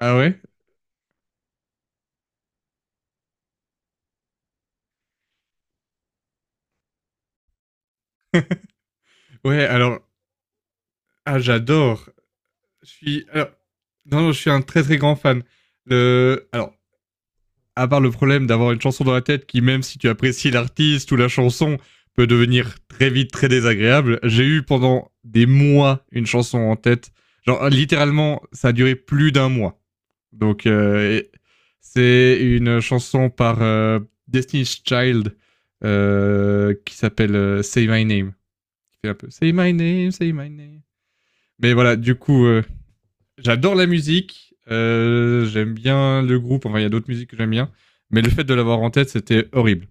Ah ouais? Ouais, alors, j'adore. Je suis, alors, non, non, je suis un très très grand fan. Le, alors, à part le problème d'avoir une chanson dans la tête qui, même si tu apprécies l'artiste ou la chanson, peut devenir très vite très désagréable, j'ai eu pendant des mois une chanson en tête. Genre, littéralement, ça a duré plus d'un mois. Donc c'est une chanson par Destiny's Child qui s'appelle Say My Name. Qui fait un peu Say My Name, Say My Name. Mais voilà, du coup, j'adore la musique. J'aime bien le groupe. Enfin, il y a d'autres musiques que j'aime bien. Mais le fait de l'avoir en tête, c'était horrible.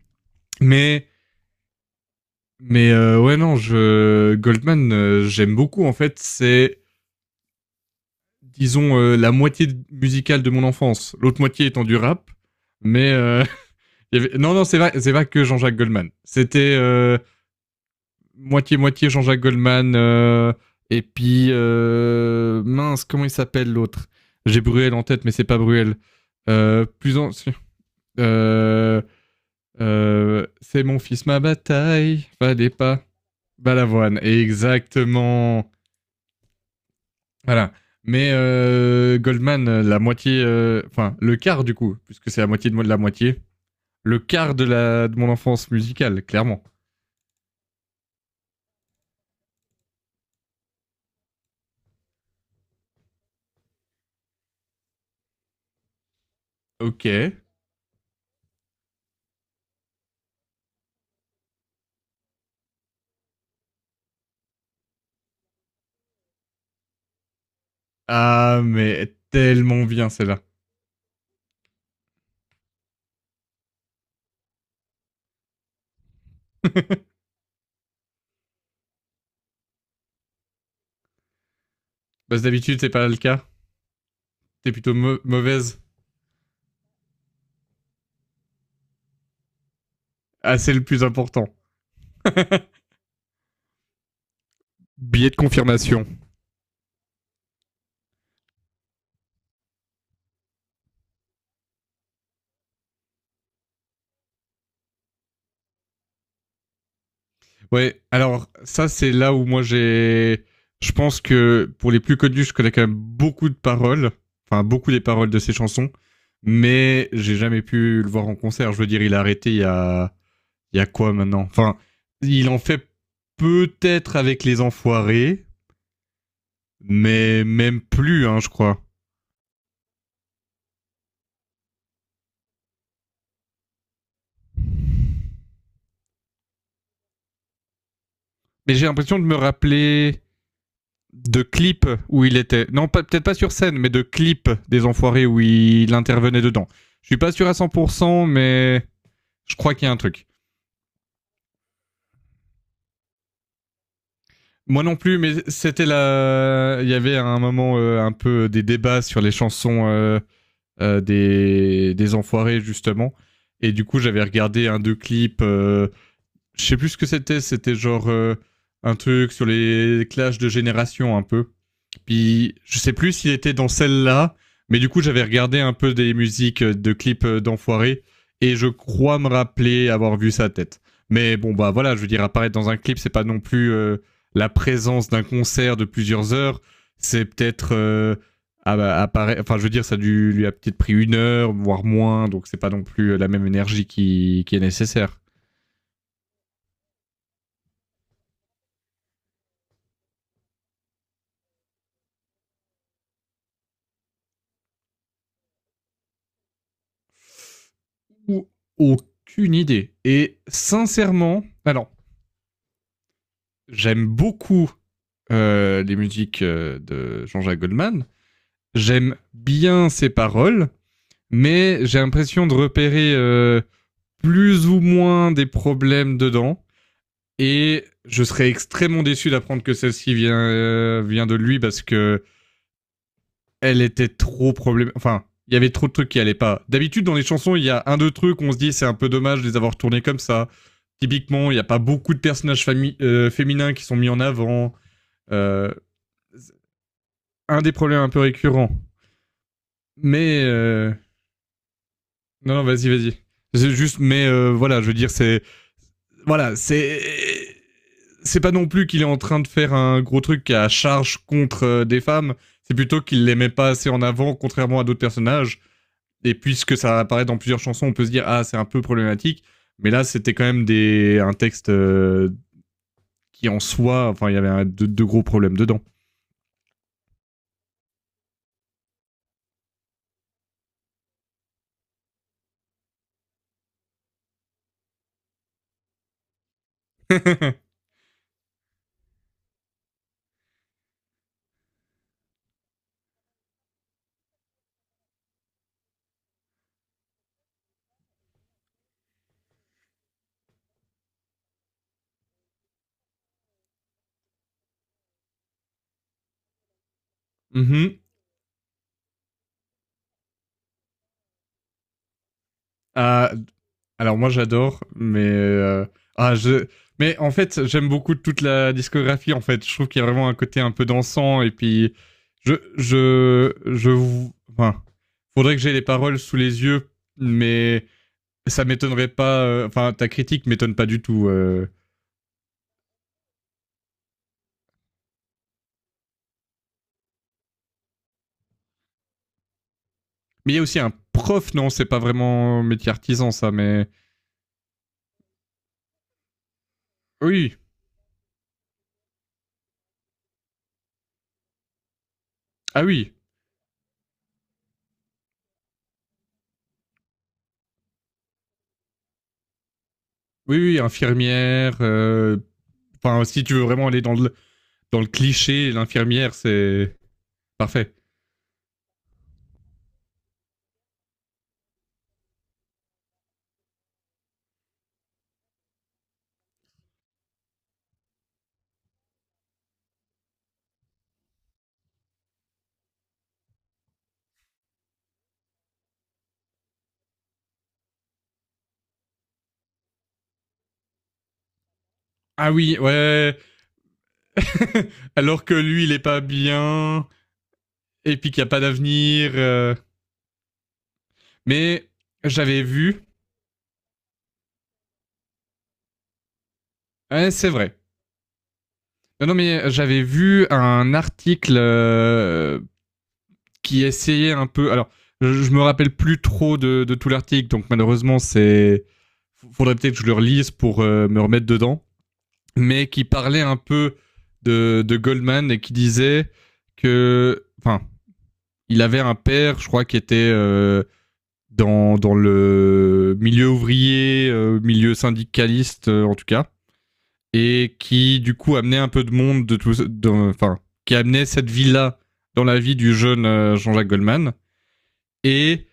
Mais, mais ouais, non, Goldman, j'aime beaucoup. En fait, c'est,  disons, la moitié musicale de mon enfance. L'autre moitié étant du rap. Mais non, c'est pas que Jean-Jacques Goldman. C'était moitié-moitié Jean-Jacques Goldman, et puis, mince, comment il s'appelle l'autre. J'ai Bruel en tête, mais c'est pas Bruel. Plus en... si, Euh, c'est mon fils ma bataille, fallait pas. Balavoine, exactement. Voilà. Mais Goldman, la moitié, enfin le quart du coup, puisque c'est la moitié de la moitié, le quart de, la, de mon enfance musicale, clairement. Ok. Ah, mais tellement bien celle-là. Parce que d'habitude, c'est pas le cas. T'es plutôt mauvaise. Ah, c'est le plus important. Billet de confirmation. Ouais, alors ça c'est là où moi j'ai... Je pense que pour les plus connus, je connais quand même beaucoup de paroles, enfin beaucoup des paroles de ses chansons, mais j'ai jamais pu le voir en concert. Je veux dire, il a arrêté il y a... Il y a quoi maintenant. Enfin, il en fait peut-être avec les enfoirés, mais même plus, hein, je crois. Mais j'ai l'impression de me rappeler de clips où il était. Non, peut-être pas sur scène, mais de clips des enfoirés où il intervenait dedans. Je suis pas sûr à 100%, mais je crois qu'il y a un truc. Moi non plus, mais c'était la. Il y avait à un moment un peu des débats sur les chansons des enfoirés, justement. Et du coup, j'avais regardé un, deux clips. Je sais plus ce que c'était. C'était genre un truc sur les clashs de génération, un peu. Puis je sais plus s'il était dans celle-là, mais du coup j'avais regardé un peu des musiques de clips d'enfoirés et je crois me rappeler avoir vu sa tête. Mais bon bah voilà, je veux dire apparaître dans un clip, c'est pas non plus la présence d'un concert de plusieurs heures, c'est peut-être ah bah, enfin, je veux dire, ça lui a peut-être pris une heure, voire moins, donc c'est pas non plus la même énergie qui est nécessaire. Ou aucune idée. Et sincèrement, alors, j'aime beaucoup les musiques de Jean-Jacques Goldman. J'aime bien ses paroles, mais j'ai l'impression de repérer plus ou moins des problèmes dedans. Et je serais extrêmement déçu d'apprendre que celle-ci vient de lui parce que elle était trop problème. Enfin, il y avait trop de trucs qui allaient pas. D'habitude, dans les chansons, il y a un, deux trucs, où on se dit c'est un peu dommage de les avoir tournés comme ça. Typiquement, il n'y a pas beaucoup de féminins qui sont mis en avant. Euh, un des problèmes un peu récurrents. Mais non, non, vas-y. C'est juste, mais voilà, je veux dire, c'est c'est pas non plus qu'il est en train de faire un gros truc à charge contre des femmes. C'est plutôt qu'il les met pas assez en avant, contrairement à d'autres personnages. Et puisque ça apparaît dans plusieurs chansons, on peut se dire ah c'est un peu problématique. Mais là, c'était quand même des un texte qui en soi, enfin, il y avait de gros problèmes dedans. Mmh. Ah, alors moi j'adore, mais ah je mais en fait, j'aime beaucoup toute la discographie, en fait. Je trouve qu'il y a vraiment un côté un peu dansant et puis je je je vou enfin, faudrait que j'ai les paroles sous les yeux, mais ça m'étonnerait pas, enfin ta critique m'étonne pas du tout, Mais il y a aussi un prof, non, c'est pas vraiment métier artisan ça, mais oui, ah oui, oui, oui, infirmière. Enfin, si tu veux vraiment aller dans le cliché, l'infirmière, c'est parfait. Ah oui, ouais. Alors que lui, il est pas bien et puis qu'il y a pas d'avenir. Mais j'avais vu, ouais, c'est vrai. Non, non, mais j'avais vu un article qui essayait un peu. Alors, je me rappelle plus trop de tout l'article, donc malheureusement, c'est. Faudrait peut-être que je le relise pour me remettre dedans, mais qui parlait un peu de Goldman et qui disait que, enfin, il avait un père, je crois, qui était dans, dans le milieu ouvrier, milieu syndicaliste en tout cas, et qui du coup amenait un peu de monde de tout, enfin, qui amenait cette vie-là dans la vie du jeune Jean-Jacques Goldman. Et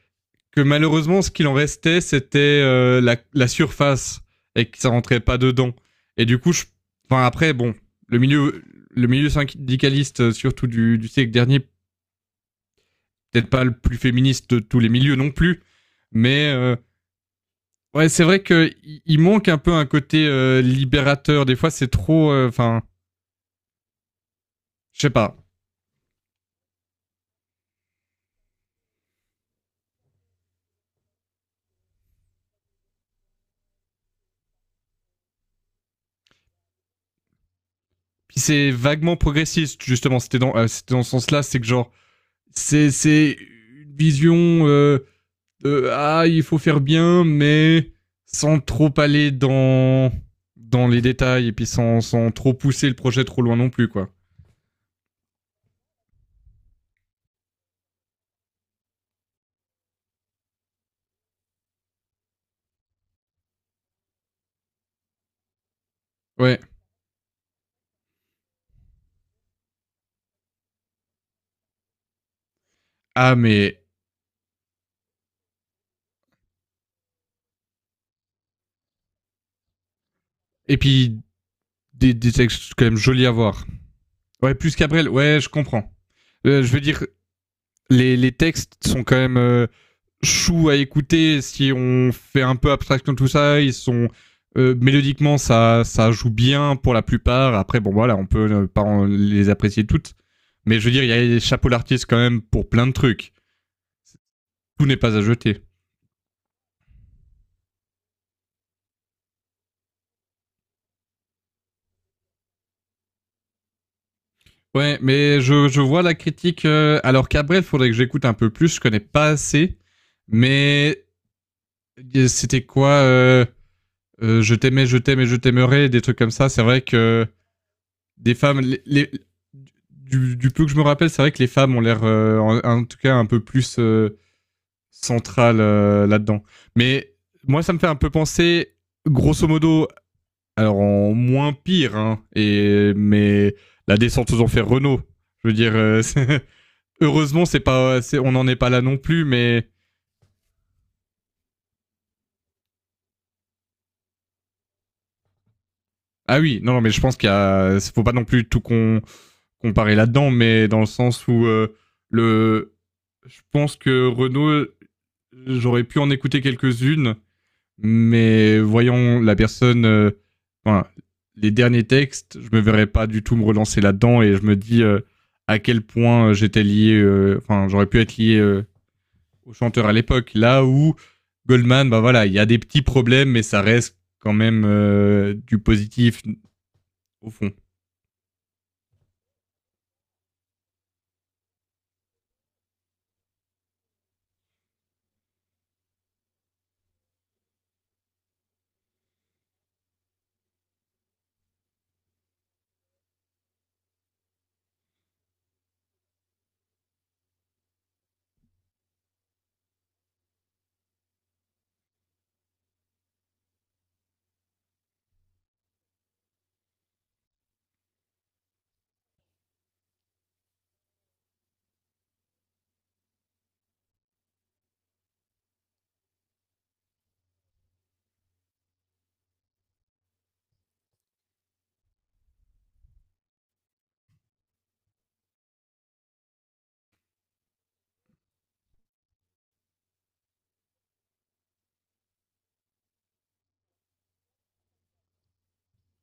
que malheureusement, ce qu'il en restait, c'était la, la surface et que ça rentrait pas dedans. Et du coup, je... enfin après, bon, le milieu, le milieu syndicaliste, surtout du siècle dernier, peut-être pas le plus féministe de tous les milieux non plus, mais ouais, c'est vrai que manque un peu un côté libérateur. Des fois, c'est trop, enfin, je sais pas. Puis c'est vaguement progressiste justement. C'était dans ce sens-là, c'est que genre, c'est une vision ah, il faut faire bien, mais sans trop aller dans dans les détails et puis sans, sans trop pousser le projet trop loin non plus, quoi. Ouais. Ah, mais et puis des textes quand même jolis à voir. Ouais, plus qu'Abrel. Ouais, je comprends. Je veux dire, les textes sont quand même chou à écouter si on fait un peu abstraction de tout ça. Ils sont mélodiquement, ça joue bien pour la plupart. Après, bon voilà, on peut pas en- les apprécier toutes, mais je veux dire, il y a les chapeaux d'artistes quand même pour plein de trucs. Tout n'est pas à jeter. Ouais, mais je vois la critique. Alors Cabrel, faudrait que j'écoute un peu plus. Je connais pas assez, mais c'était quoi Je t'aimais, je t'aimais, je t'aimerais, des trucs comme ça. C'est vrai que des femmes. Du peu que je me rappelle, c'est vrai que les femmes ont l'air, en, en tout cas, un peu plus centrales là-dedans. Mais moi, ça me fait un peu penser, grosso modo, alors en moins pire, hein, et, mais la descente aux enfers Renault. Je veux dire, c'est- heureusement, c'est pas, on n'en est pas là non plus, mais. Ah oui, non, non, mais je pense qu'il y a, faut pas non plus comparer là-dedans, mais dans le sens où le, je pense que Renault. J'aurais pu en écouter quelques-unes, mais voyons la personne, voilà, les derniers textes, je me verrais pas du tout me relancer là-dedans et je me dis à quel point j'étais lié, enfin j'aurais pu être lié au chanteur à l'époque. Là où Goldman, bah voilà, il y a des petits problèmes, mais ça reste quand même du positif au fond.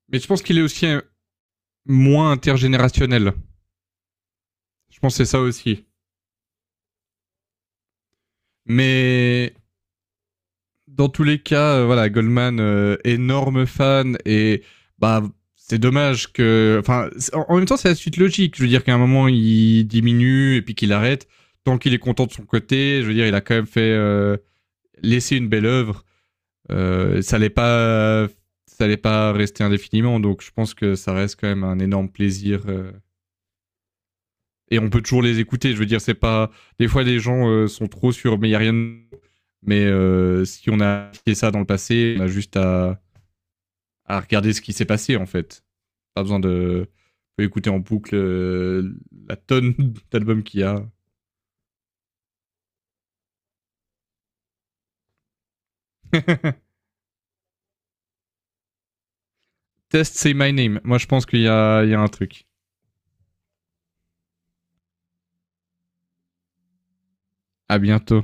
Mais je pense qu'il est aussi moins intergénérationnel. Je pense que c'est ça aussi. Mais dans tous les cas, voilà, Goldman, énorme fan et bah c'est dommage que, enfin, en en même temps c'est la suite logique. Je veux dire qu'à un moment il diminue et puis qu'il arrête. Tant qu'il est content de son côté, je veux dire, il a quand même fait laisser une belle œuvre. Euh, ça allait pas, ça allait pas rester indéfiniment. Donc je pense que ça reste quand même un énorme plaisir et on peut toujours les écouter. Je veux dire, c'est pas. Des fois, les gens sont trop sur, mais il y a rien. De Mais si on a fait ça dans le passé, on a juste à regarder ce qui s'est passé en fait. Pas besoin de. On peut écouter en boucle la tonne d'albums qu'il y a. Test, c'est my name. Moi, je pense qu'il y a, il y a un truc. À bientôt.